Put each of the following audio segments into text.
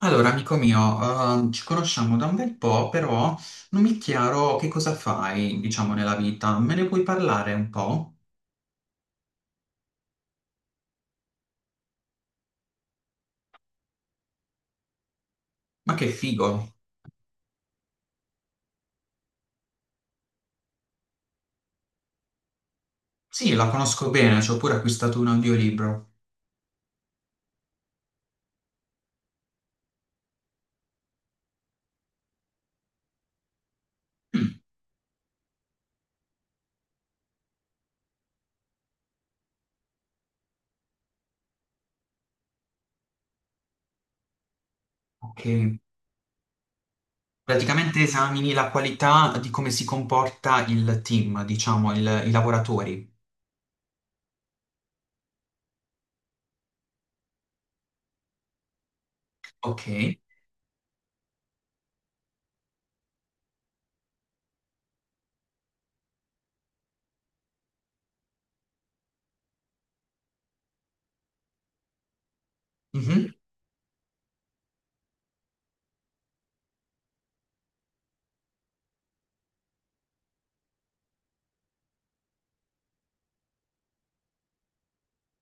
Allora, amico mio, ci conosciamo da un bel po', però non mi è chiaro che cosa fai, diciamo, nella vita. Me ne puoi parlare un po'? Ma che figo! Sì, la conosco bene, ci ho pure acquistato un audiolibro. Mm. Ok. Praticamente esamini la qualità di come si comporta il team, diciamo, i lavoratori. Ok. Mhm.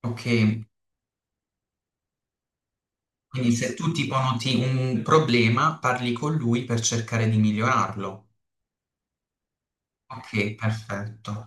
Ok. Quindi se tu tipo noti un problema, parli con lui per cercare di migliorarlo. Ok, perfetto.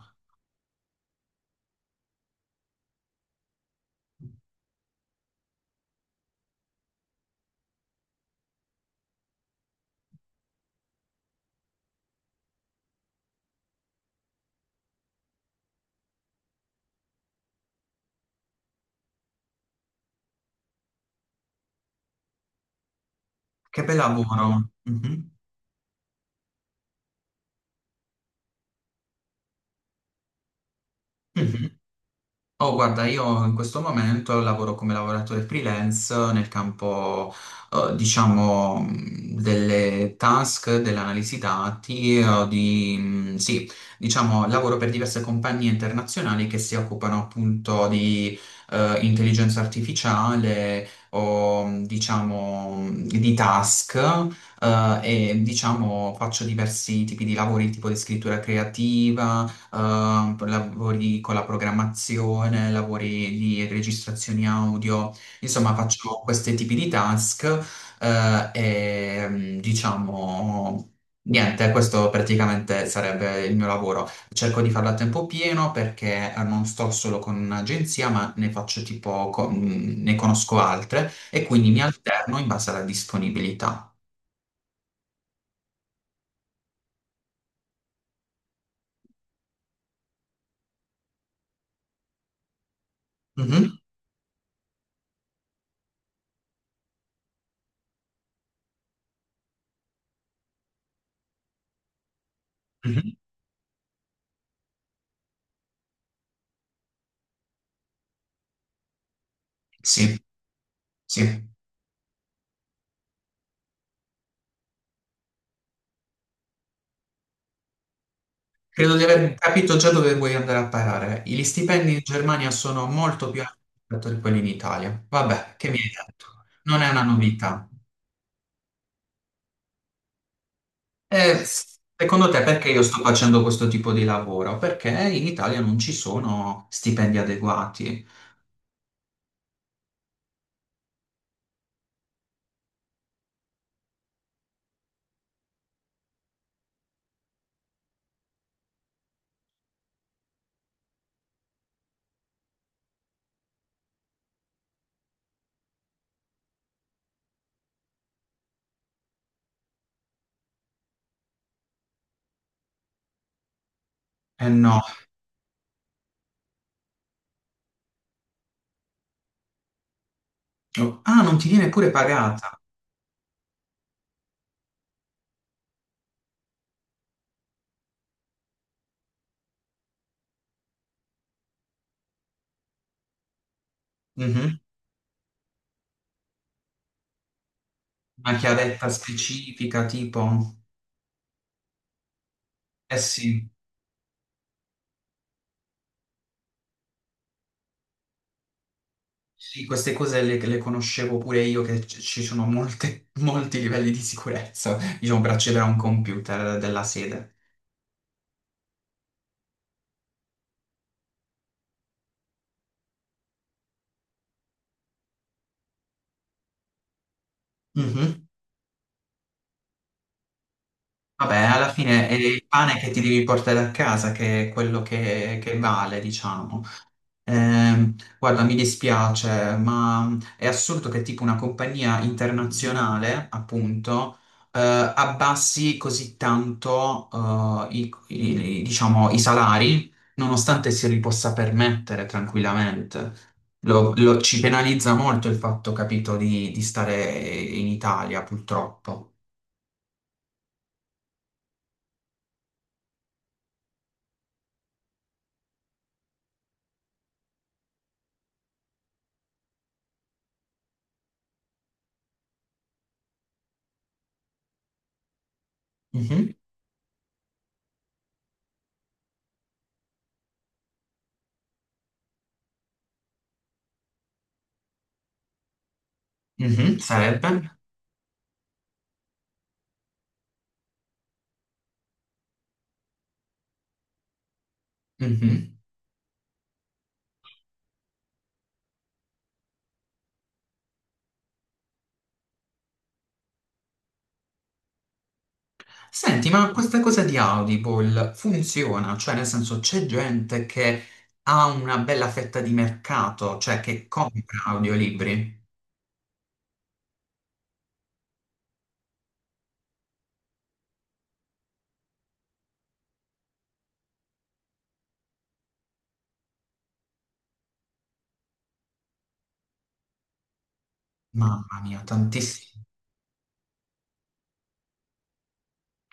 Che bel lavoro. Mhm. Mhm. Oh, guarda, io in questo momento lavoro come lavoratore freelance nel campo, diciamo, delle task, dell'analisi dati, di, sì, diciamo, lavoro per diverse compagnie internazionali che si occupano appunto di, intelligenza artificiale o, diciamo, di task. eh, e diciamo faccio diversi tipi di lavori, tipo di scrittura creativa, lavori con la programmazione, lavori di registrazioni audio, insomma faccio questi tipi di task. E diciamo niente, questo praticamente sarebbe il mio lavoro. Cerco di farlo a tempo pieno perché non sto solo con un'agenzia, ma ne faccio tipo, ne conosco altre e quindi mi alterno in base alla disponibilità. Mhm. Mhm. Sì, sì. Credo di aver capito già dove vuoi andare a parare. Gli stipendi in Germania sono molto più alti rispetto a quelli in Italia. Vabbè, che mi hai detto? Non è una novità. E secondo te perché io sto facendo questo tipo di lavoro? Perché in Italia non ci sono stipendi adeguati. Eh no. Ah, non ti viene pure pagata. Mhm. Una chiavetta specifica, tipo. Eh sì. Sì, queste cose le conoscevo pure io, che ci sono molti livelli di sicurezza, diciamo, per accedere a un computer della sede. Mhm. Vabbè, alla fine è il pane che ti devi portare a casa che è quello che vale, diciamo. Guarda, mi dispiace, ma è assurdo che tipo una compagnia internazionale, appunto, abbassi così tanto, diciamo, i salari, nonostante si li possa permettere tranquillamente. Ci penalizza molto il fatto, capito, di stare in Italia, purtroppo. Mhm. Mhm, sarebbe. Mhm. Senti, ma questa cosa di Audible funziona? Cioè, nel senso, c'è gente che ha una bella fetta di mercato, cioè che compra audiolibri? Mamma mia, tantissimi.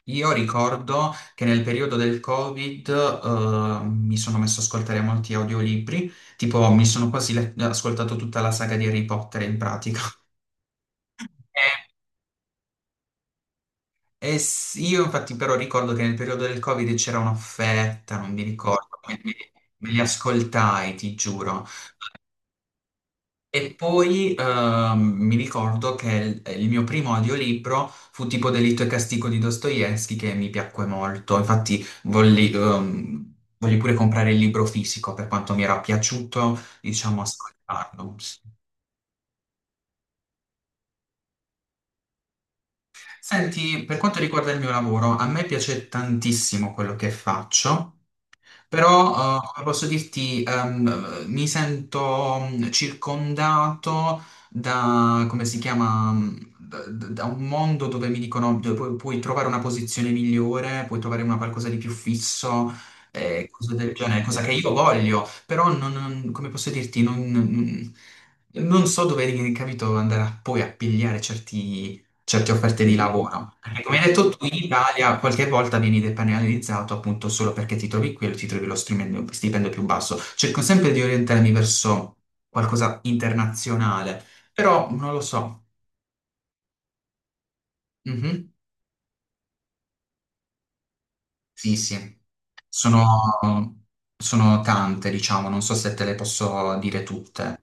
Io ricordo che nel periodo del Covid, mi sono messo ad ascoltare molti audiolibri, tipo mi sono quasi ascoltato tutta la saga di Harry Potter in pratica. E, io infatti però ricordo che nel periodo del Covid c'era un'offerta, non mi ricordo, me li ascoltai, ti giuro. E poi mi ricordo che il mio primo audiolibro fu tipo Delitto e Castigo di Dostoevsky che mi piacque molto. Infatti volli, volli pure comprare il libro fisico per quanto mi era piaciuto, diciamo, ascoltarlo. Senti, per quanto riguarda il mio lavoro, a me piace tantissimo quello che faccio. Però, come posso dirti, mi sento circondato da, come si chiama, da, da un mondo dove mi dicono dove puoi, trovare una posizione migliore, puoi trovare una qualcosa di più fisso, cose del genere, cosa che io voglio, però non, come posso dirti, non, non so dove, capito, andare a, poi a pigliare certi certe offerte di lavoro. Perché come hai detto tu, in Italia qualche volta vieni depenalizzato appunto solo perché ti trovi qui e ti trovi lo stipendio più basso. Cerco sempre di orientarmi verso qualcosa internazionale, però non lo so. Mhm. Sì, sì, sono, sono tante, diciamo, non so se te le posso dire tutte.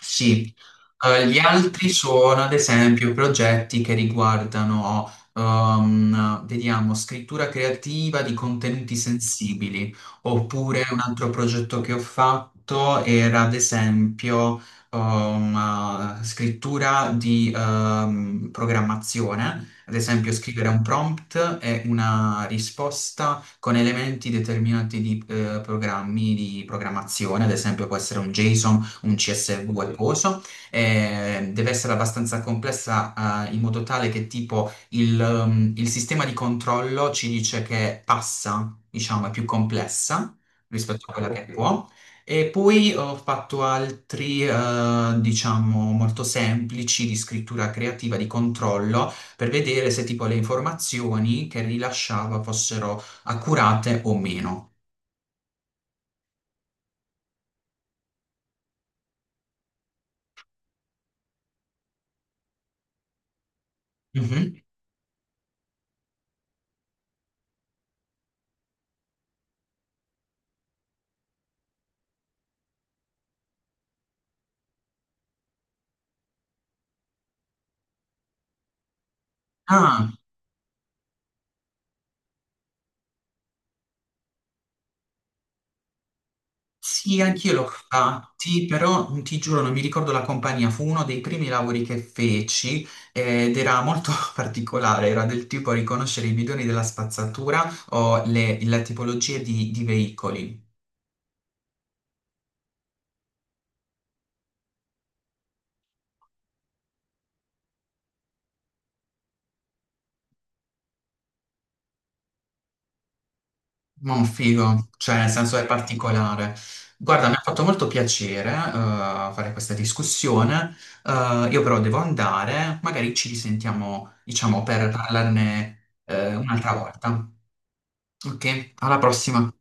Sì. Gli altri sono ad esempio progetti che riguardano, vediamo, scrittura creativa di contenuti sensibili, oppure un altro progetto che ho fatto era ad esempio, scrittura di, programmazione, ad esempio scrivere un prompt e una risposta con elementi determinati di, programmi di programmazione, ad esempio può essere un JSON, un CSV e coso, deve essere abbastanza complessa, in modo tale che tipo il sistema di controllo ci dice che passa, diciamo, è più complessa rispetto a quella che può. E poi ho fatto altri, diciamo, molto semplici di scrittura creativa, di controllo, per vedere se tipo le informazioni che rilasciava fossero accurate o meno. Mhm. Ah. Sì, anch'io l'ho fatti, però ti giuro non mi ricordo la compagnia, fu uno dei primi lavori che feci ed era molto particolare, era del tipo riconoscere i bidoni della spazzatura o le tipologie di veicoli. Ma figo, cioè nel senso è particolare. Guarda, mi ha fatto molto piacere fare questa discussione. Io però devo andare, magari ci risentiamo, diciamo, per parlarne un'altra volta. Ok, alla prossima.